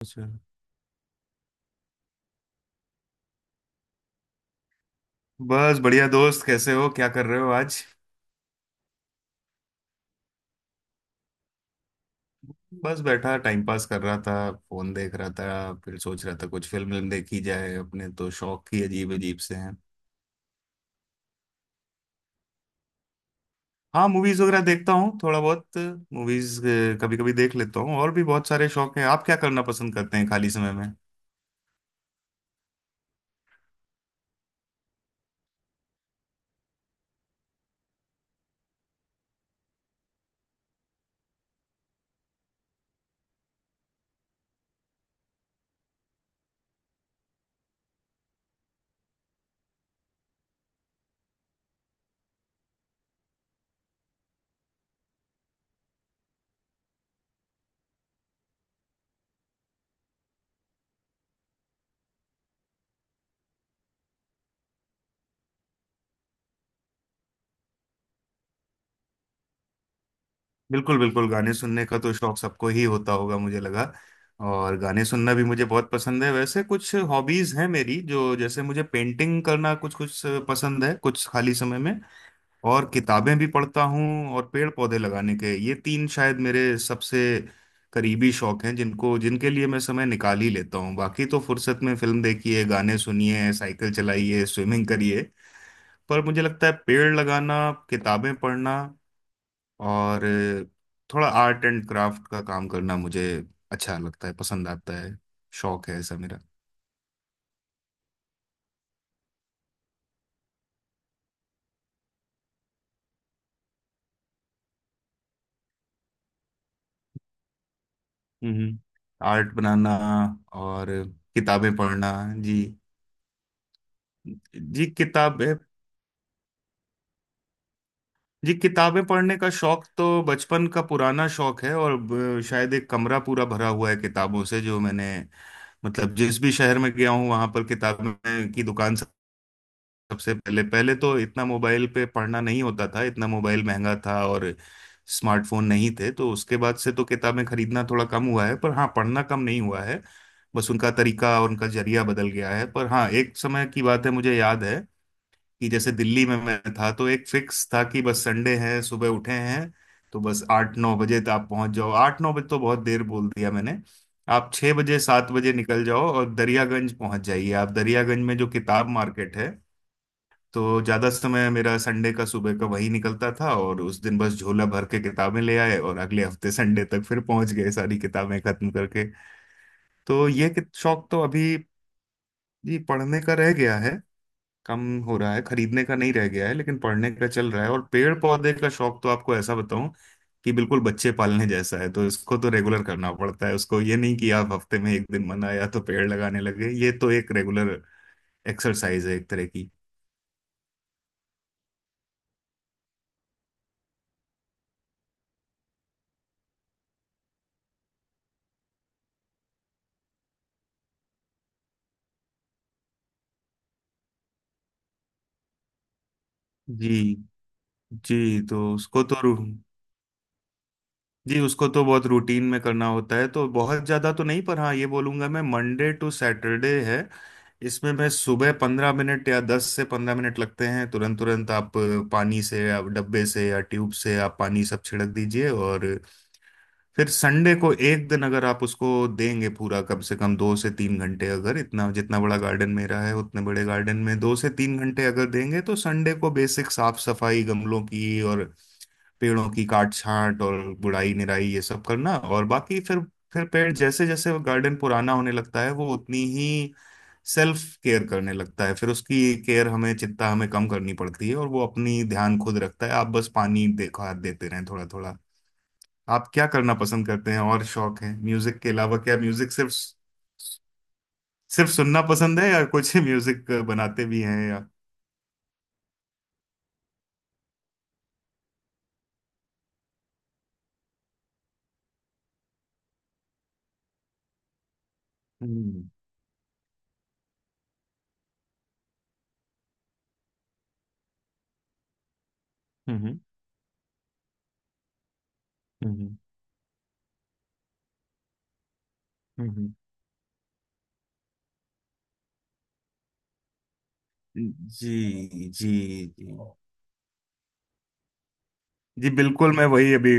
अच्छा। बस बढ़िया दोस्त, कैसे हो, क्या कर रहे हो आज? बस बैठा टाइम पास कर रहा था। फोन देख रहा था, फिर सोच रहा था कुछ फिल्म विल्म देखी जाए। अपने तो शौक ही अजीब अजीब से हैं। हाँ, मूवीज वगैरह देखता हूँ थोड़ा बहुत। मूवीज कभी कभी देख लेता हूँ। और भी बहुत सारे शौक हैं। आप क्या करना पसंद करते हैं खाली समय में? बिल्कुल बिल्कुल, गाने सुनने का तो शौक सबको ही होता होगा, मुझे लगा। और गाने सुनना भी मुझे बहुत पसंद है। वैसे कुछ हॉबीज हैं मेरी, जो, जैसे मुझे पेंटिंग करना कुछ कुछ पसंद है, कुछ खाली समय में। और किताबें भी पढ़ता हूँ, और पेड़ पौधे लगाने के, ये तीन शायद मेरे सबसे करीबी शौक हैं जिनको जिनके लिए मैं समय निकाल ही लेता हूँ। बाकी तो फुर्सत में फिल्म देखिए, गाने सुनिए, साइकिल चलाइए, स्विमिंग करिए। पर मुझे लगता है पेड़ लगाना, किताबें पढ़ना, और थोड़ा आर्ट एंड क्राफ्ट का काम करना मुझे अच्छा लगता है, पसंद आता है, शौक है ऐसा मेरा। हम्म, आर्ट बनाना और किताबें पढ़ना। जी। जी किताब जी, किताबें पढ़ने का शौक तो बचपन का पुराना शौक है, और शायद एक कमरा पूरा भरा हुआ है किताबों से, जो मैंने, मतलब जिस भी शहर में गया हूँ वहां पर किताबें की दुकान सबसे पहले। पहले तो इतना मोबाइल पे पढ़ना नहीं होता था, इतना मोबाइल महंगा था, और स्मार्टफोन नहीं थे। तो उसके बाद से तो किताबें खरीदना थोड़ा कम हुआ है, पर हाँ, पढ़ना कम नहीं हुआ है। बस उनका तरीका और उनका जरिया बदल गया है। पर हाँ, एक समय की बात है, मुझे याद है कि जैसे दिल्ली में मैं था तो एक फिक्स था कि बस संडे है, सुबह उठे हैं, तो बस आठ नौ बजे तक आप पहुंच जाओ। आठ नौ बजे तो बहुत देर बोल दिया मैंने। आप छः बजे सात बजे निकल जाओ और दरियागंज पहुंच जाइए, आप दरियागंज में जो किताब मार्केट है। तो ज़्यादा समय मेरा संडे का सुबह का वही निकलता था, और उस दिन बस झोला भर के किताबें ले आए और अगले हफ्ते संडे तक फिर पहुंच गए सारी किताबें खत्म करके। तो ये शौक तो अभी, जी, पढ़ने का रह गया है। कम हो रहा है। खरीदने का नहीं रह गया है, लेकिन पढ़ने का चल रहा है। और पेड़ पौधे का शौक तो आपको ऐसा बताऊं कि बिल्कुल बच्चे पालने जैसा है। तो इसको तो रेगुलर करना पड़ता है उसको। ये नहीं कि आप हफ्ते में एक दिन मन आया तो पेड़ लगाने लगे, ये तो एक रेगुलर एक्सरसाइज है एक तरह की। जी जी। जी, उसको तो बहुत रूटीन में करना होता है। तो बहुत ज़्यादा तो नहीं, पर हाँ, ये बोलूँगा मैं, मंडे टू सैटरडे है। इसमें मैं सुबह 15 मिनट, या 10 से 15 मिनट लगते हैं। तुरंत तुरंत आप पानी से या डब्बे से या ट्यूब से आप पानी सब छिड़क दीजिए। और फिर संडे को एक दिन अगर आप उसको देंगे पूरा, कम से कम 2 से 3 घंटे, अगर इतना, जितना बड़ा गार्डन मेरा है उतने बड़े गार्डन में 2 से 3 घंटे अगर देंगे, तो संडे को बेसिक साफ सफाई गमलों की, और पेड़ों की काट छांट और गुड़ाई निराई, ये सब करना। और बाकी फिर पेड़, जैसे जैसे वो गार्डन पुराना होने लगता है वो उतनी ही सेल्फ केयर करने लगता है। फिर उसकी केयर, हमें चिंता हमें कम करनी पड़ती है, और वो अपनी ध्यान खुद रखता है। आप बस पानी देखो, हाथ देते रहें, थोड़ा थोड़ा। आप क्या करना पसंद करते हैं, और शौक है म्यूजिक के अलावा? क्या म्यूजिक सिर्फ, सिर्फ सुनना पसंद है, या कुछ म्यूजिक बनाते भी हैं या? हम्म हम्म हम्म हम्म। हम्म। जी जी जी। जी बिल्कुल।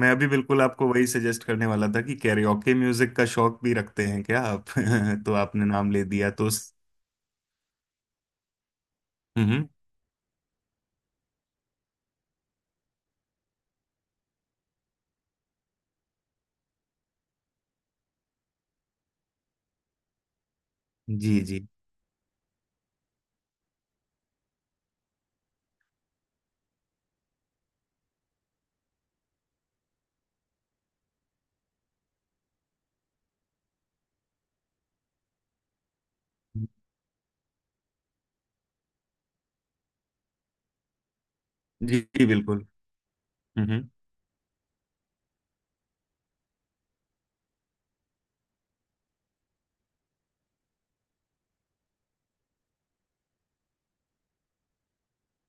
मैं अभी बिल्कुल आपको वही सजेस्ट करने वाला था कि कैरियोके म्यूजिक का शौक भी रखते हैं क्या आप? तो आपने नाम ले दिया तो हम्म। जी जी जी। जी बिल्कुल। हम्म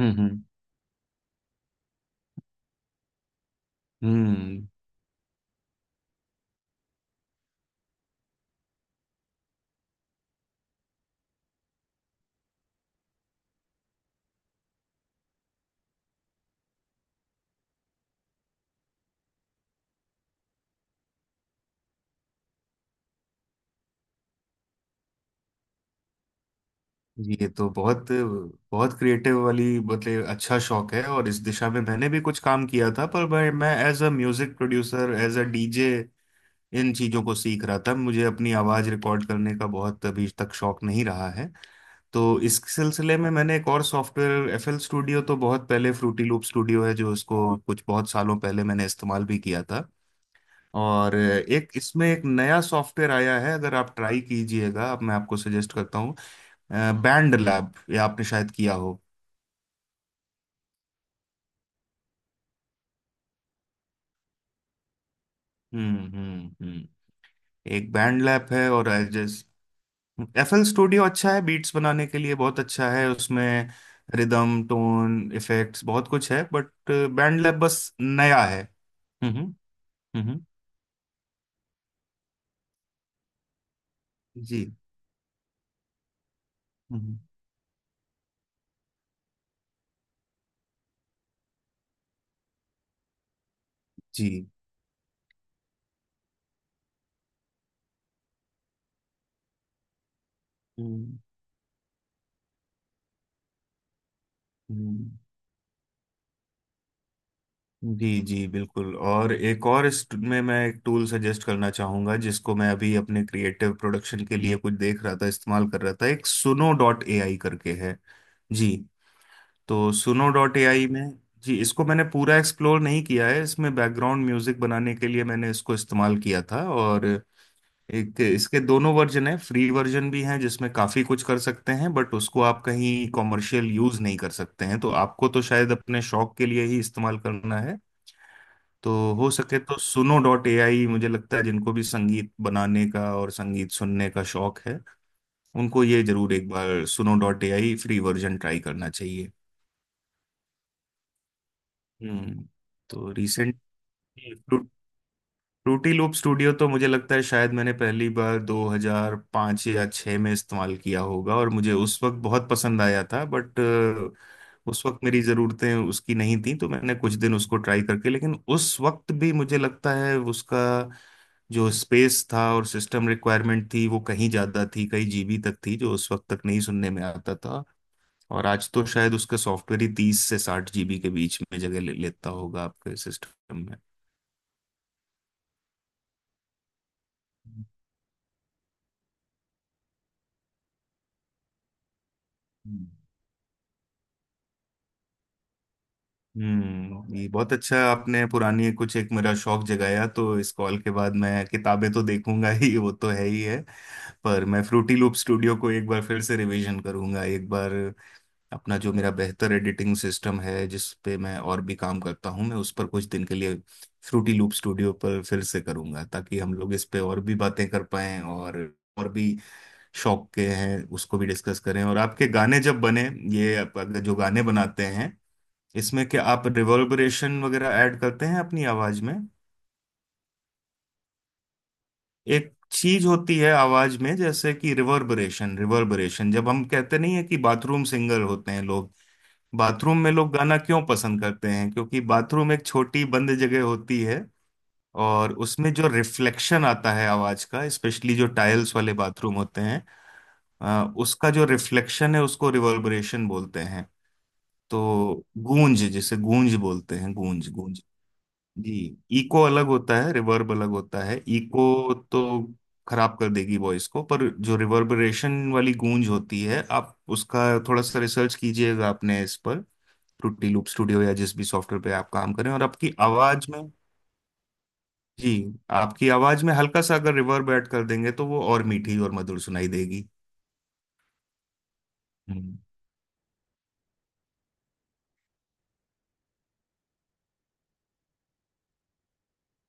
हम्म। हम्म। जी, ये तो बहुत बहुत क्रिएटिव वाली, मतलब अच्छा शौक है। और इस दिशा में मैंने भी कुछ काम किया था, पर मैं as a music producer, as a DJ, इन चीजों को सीख रहा था। मुझे अपनी आवाज रिकॉर्ड करने का बहुत अभी तक शौक नहीं रहा है। तो इस सिलसिले में मैंने एक और सॉफ्टवेयर, एफएल स्टूडियो तो बहुत पहले, फ्रूटी लूप स्टूडियो है जो, इसको कुछ बहुत सालों पहले मैंने इस्तेमाल भी किया था। और एक इसमें एक नया सॉफ्टवेयर आया है, अगर आप ट्राई कीजिएगा, अब मैं आपको सजेस्ट करता हूँ, बैंड लैब, ये आपने शायद किया हो। हम्म। एक बैंड लैब है, और एजेस, एफएल स्टूडियो अच्छा है बीट्स बनाने के लिए, बहुत अच्छा है, उसमें रिदम टोन इफेक्ट्स बहुत कुछ है। बट बैंड लैब बस नया है। हम्म हम्म। जी। हम्म। जी। हम्म। हम्म। जी जी बिल्कुल। और एक और में मैं एक टूल सजेस्ट करना चाहूंगा, जिसको मैं अभी अपने क्रिएटिव प्रोडक्शन के लिए कुछ देख रहा था, इस्तेमाल कर रहा था, एक सुनो डॉट ए आई करके है। जी तो सुनो डॉट ए आई में, जी, इसको मैंने पूरा एक्सप्लोर नहीं किया है। इसमें बैकग्राउंड म्यूजिक बनाने के लिए मैंने इसको इस्तेमाल किया था, और एक इसके दोनों वर्जन है, फ्री वर्जन भी है जिसमें काफी कुछ कर सकते हैं। बट उसको आप कहीं कॉमर्शियल यूज नहीं कर सकते हैं, तो आपको तो शायद अपने शौक के लिए ही इस्तेमाल करना है। तो हो सके तो सुनो डॉट ए आई, मुझे लगता है जिनको भी संगीत बनाने का और संगीत सुनने का शौक है उनको ये जरूर एक बार Suno dot A I free version try करना चाहिए। हम्म। तो रिसेंट, फ्रूटी लूप स्टूडियो तो मुझे लगता है शायद मैंने पहली बार 2005 या 6 में इस्तेमाल किया होगा, और मुझे उस वक्त बहुत पसंद आया था। बट उस वक्त मेरी ज़रूरतें उसकी नहीं थी, तो मैंने कुछ दिन उसको ट्राई करके, लेकिन उस वक्त भी मुझे लगता है उसका जो स्पेस था और सिस्टम रिक्वायरमेंट थी वो कहीं ज़्यादा थी, कई जीबी तक थी, जो उस वक्त तक नहीं सुनने में आता था। और आज तो शायद उसका सॉफ्टवेयर ही 30 से 60 जीबी के बीच में जगह ले लेता होगा आपके सिस्टम में। हम्म। हम्म, ये बहुत अच्छा आपने पुरानी कुछ एक मेरा शौक जगाया। तो इस कॉल के बाद मैं किताबें तो देखूंगा ही, वो तो है ही है, पर मैं फ्रूटी लूप स्टूडियो को एक बार फिर से रिवीजन करूंगा, एक बार अपना, जो मेरा बेहतर एडिटिंग सिस्टम है जिस पे मैं और भी काम करता हूँ, मैं उस पर कुछ दिन के लिए फ्रूटी लूप स्टूडियो पर फिर से करूंगा, ताकि हम लोग इस पे और भी बातें कर पाएं। और भी शौक के हैं, उसको भी डिस्कस करें। और आपके गाने जब बने, ये आप अगर जो गाने बनाते हैं, इसमें क्या आप रिवर्बरेशन वगैरह ऐड करते हैं अपनी आवाज में? एक चीज होती है आवाज में, जैसे कि रिवर्बरेशन, रिवर्बरेशन जब हम कहते नहीं है कि बाथरूम सिंगर होते हैं लोग, बाथरूम में लोग गाना क्यों पसंद करते हैं क्योंकि बाथरूम एक छोटी बंद जगह होती है। और उसमें जो रिफ्लेक्शन आता है आवाज का, स्पेशली जो टाइल्स वाले बाथरूम होते हैं, उसका जो रिफ्लेक्शन है उसको रिवर्बरेशन बोलते हैं। तो गूंज, जिसे गूंज बोलते हैं, गूंज गूंज। जी। इको अलग होता है, रिवर्ब अलग होता है। इको तो खराब कर देगी वॉइस को, पर जो रिवर्बरेशन वाली गूंज होती है, आप उसका थोड़ा सा रिसर्च कीजिएगा, आपने इस पर, ट्रुटी लूप स्टूडियो या जिस भी सॉफ्टवेयर पे आप काम करें। और आपकी आवाज में, जी, आपकी आवाज में हल्का सा अगर रिवर्ब ऐड कर देंगे तो वो और मीठी और मधुर सुनाई देगी। हम्म।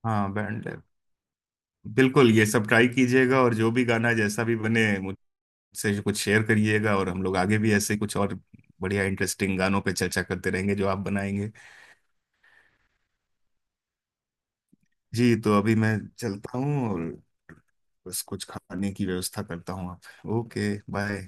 हाँ बैंड, बिल्कुल ये सब ट्राई कीजिएगा, और जो भी गाना जैसा भी बने, से कुछ शेयर करिएगा, और हम लोग आगे भी ऐसे कुछ और बढ़िया इंटरेस्टिंग गानों पे चर्चा करते रहेंगे जो आप बनाएंगे। जी तो अभी मैं चलता हूँ, और बस कुछ खाने की व्यवस्था करता हूँ। आप, ओके बाय।